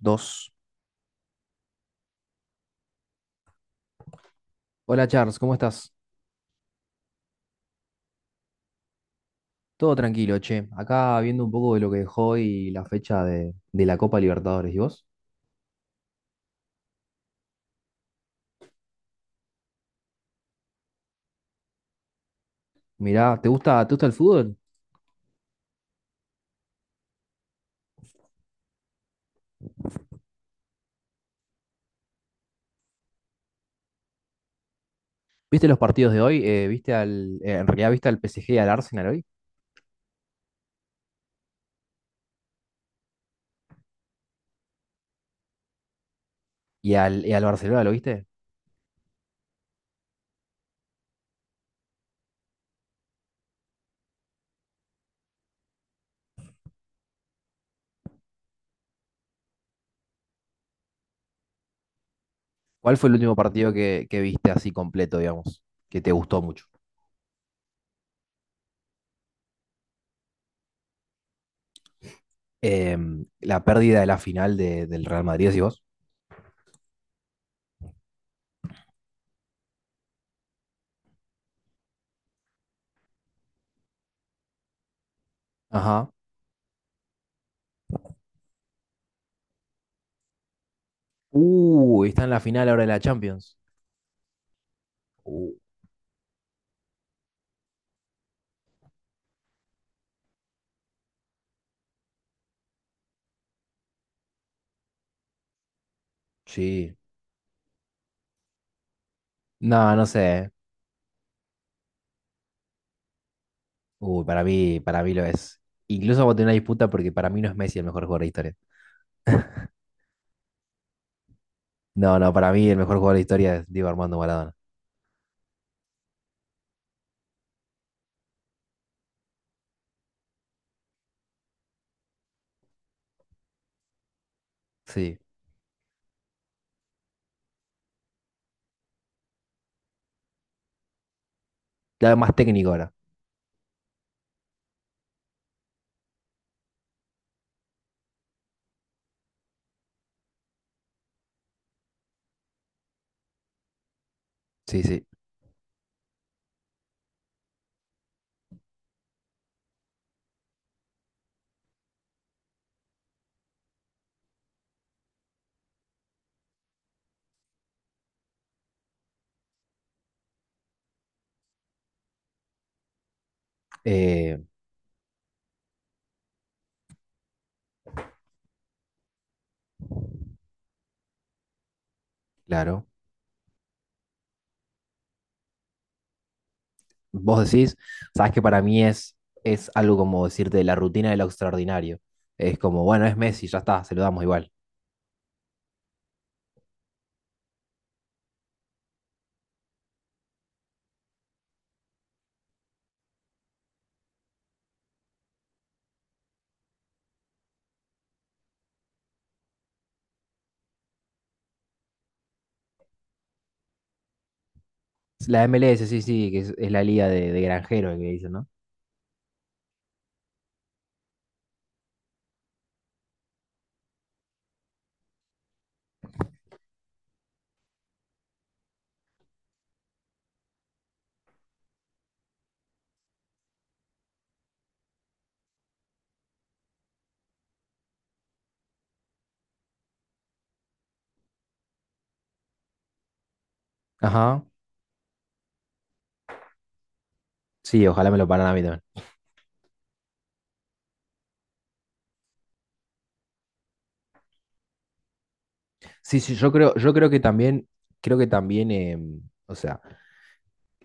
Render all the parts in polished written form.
Dos. Hola Charles, ¿cómo estás? Todo tranquilo, che. Acá viendo un poco de lo que dejó y la fecha de la Copa Libertadores. ¿Y vos? Mirá, ¿te gusta el fútbol? ¿Viste los partidos de hoy? ¿Viste en realidad viste al PSG y al Arsenal hoy? ¿Y al Barcelona, lo viste? ¿Cuál fue el último partido que viste así completo, digamos? Que te gustó mucho. La pérdida de la final del Real Madrid, ¿decís vos? Ajá. Está en la final ahora de la Champions. Uh, sí. No, no sé. Uy, para mí lo es. Incluso vamos a tener una disputa porque para mí no es Messi el mejor jugador de la historia. No, no, para mí el mejor jugador de la historia es Diego Armando Maradona. Sí. Claro, más técnico ahora. Sí, sí. Eh, claro. Vos decís, sabes que para mí es algo como decirte la rutina de lo extraordinario. Es como, bueno, es Messi, ya está, se lo damos igual. La MLS, sí, sí, que es la liga de granjeros que dicen, ¿no? Ajá. Sí, ojalá me lo paran a mí también. Sí, sí, yo creo que también, creo que también, o sea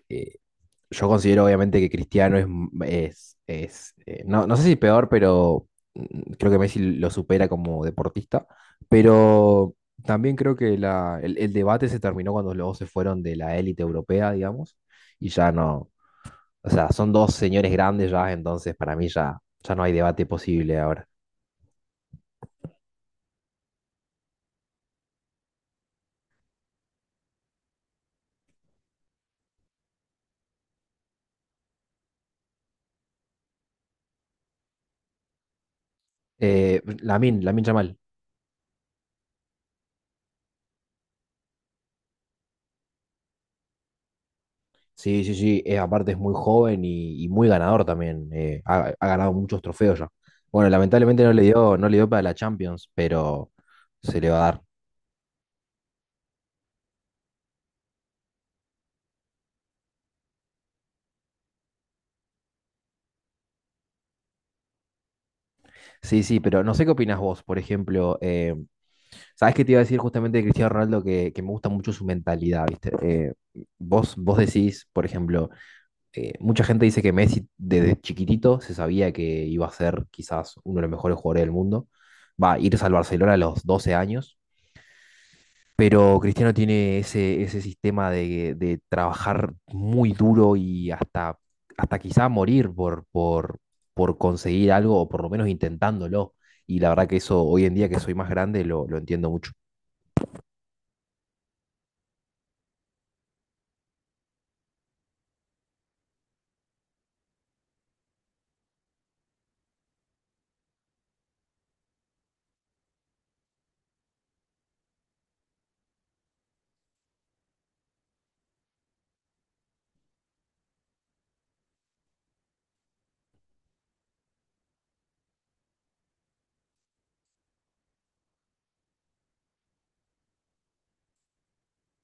eh, yo considero obviamente que Cristiano es, no, no sé si peor, pero creo que Messi lo supera como deportista, pero también creo que el debate se terminó cuando los dos se fueron de la élite europea, digamos, y ya no, o sea, son dos señores grandes ya, entonces para mí ya, ya no hay debate posible ahora. Lamine Yamal. Sí, sí, sí. Aparte es muy joven y muy ganador también. Ha ganado muchos trofeos ya. Bueno, lamentablemente no le dio para la Champions, pero se le va a dar. Sí, sí, pero no sé qué opinás vos, por ejemplo. ¿Sabés qué te iba a decir justamente de Cristiano Ronaldo? Que me gusta mucho su mentalidad, ¿viste? Vos decís, por ejemplo, mucha gente dice que Messi desde chiquitito se sabía que iba a ser quizás uno de los mejores jugadores del mundo. Va a irse al Barcelona a los 12 años. Pero Cristiano tiene ese sistema de trabajar muy duro y hasta, hasta quizá morir por conseguir algo o por lo menos intentándolo. Y la verdad que eso hoy en día que soy más grande lo entiendo mucho.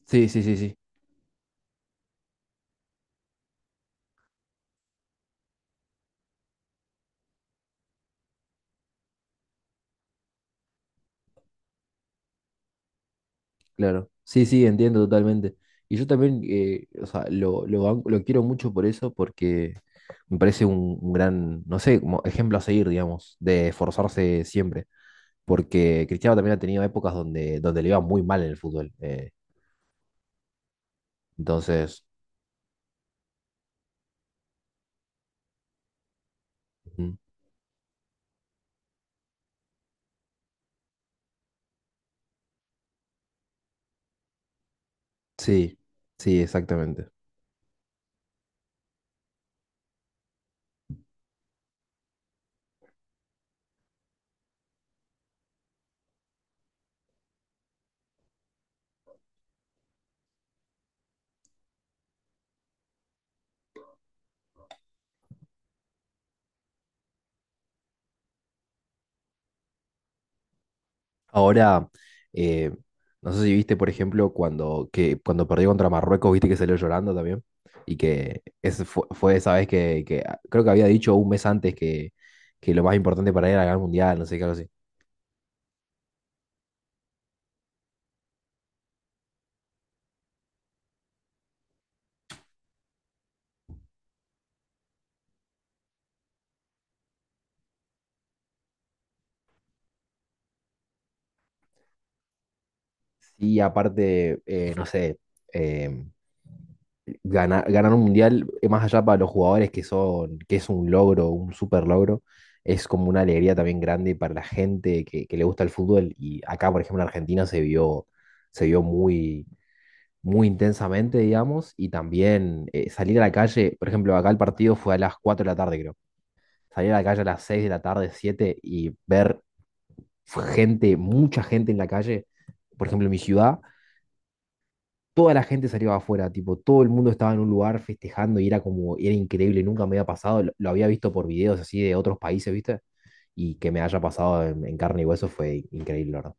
Sí, sí, sí, sí, claro. Sí, sí, entiendo totalmente. Y yo también, o sea, lo quiero mucho por eso porque me parece un gran, no sé, como ejemplo a seguir, digamos, de esforzarse siempre. Porque Cristiano también ha tenido épocas donde, donde le iba muy mal en el fútbol. Entonces, ujú, sí, sí, exactamente. Ahora, eh, no sé si viste, por ejemplo, cuando, que, cuando perdió contra Marruecos, viste que salió llorando también. Y que ese fue, fue esa vez que creo que había dicho un mes antes que lo más importante para él era ganar el mundial, no sé qué, algo así. Sí, aparte, no sé, eh, ganar un mundial, más allá para los jugadores que son, que es un logro, un super logro, es como una alegría también grande para la gente que le gusta el fútbol. Y acá, por ejemplo, en Argentina se vio muy, muy intensamente, digamos, y también salir a la calle, por ejemplo, acá el partido fue a las 4 de la tarde, creo. Salir a la calle a las 6 de la tarde, 7 y ver gente, mucha gente en la calle, por ejemplo, en mi ciudad toda la gente salió afuera, tipo, todo el mundo estaba en un lugar festejando y era como, era increíble, nunca me había pasado, lo había visto por videos así de otros países, ¿viste? Y que me haya pasado en carne y hueso fue increíble, la verdad.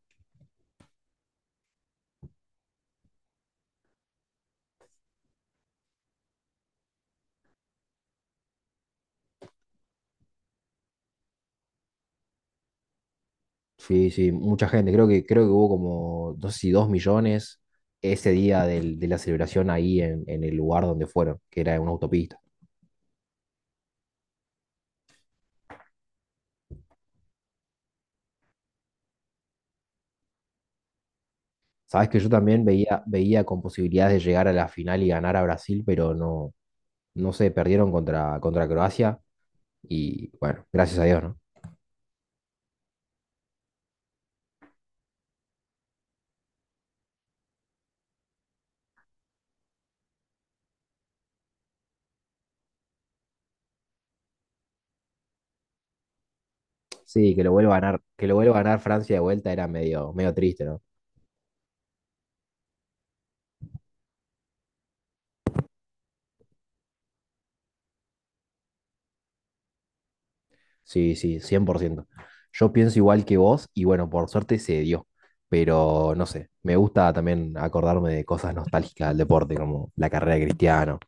Sí, sí, mucha gente, creo que hubo como, no sé si 2 millones ese día de la celebración ahí en el lugar donde fueron, que era en una autopista. Sabes que yo también veía, veía con posibilidades de llegar a la final y ganar a Brasil, pero no, no sé, perdieron contra, contra Croacia y bueno, gracias a Dios, ¿no? Sí, que lo vuelva a ganar, que lo vuelva a ganar Francia de vuelta era medio, medio triste, ¿no? Sí, sí, 100%. Yo pienso igual que vos y bueno, por suerte se dio, pero no sé, me gusta también acordarme de cosas nostálgicas del deporte, como la carrera de Cristiano.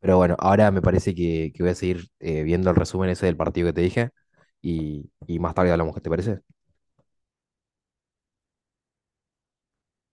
Pero bueno, ahora me parece que voy a seguir viendo el resumen ese del partido que te dije y más tarde hablamos, ¿qué te parece?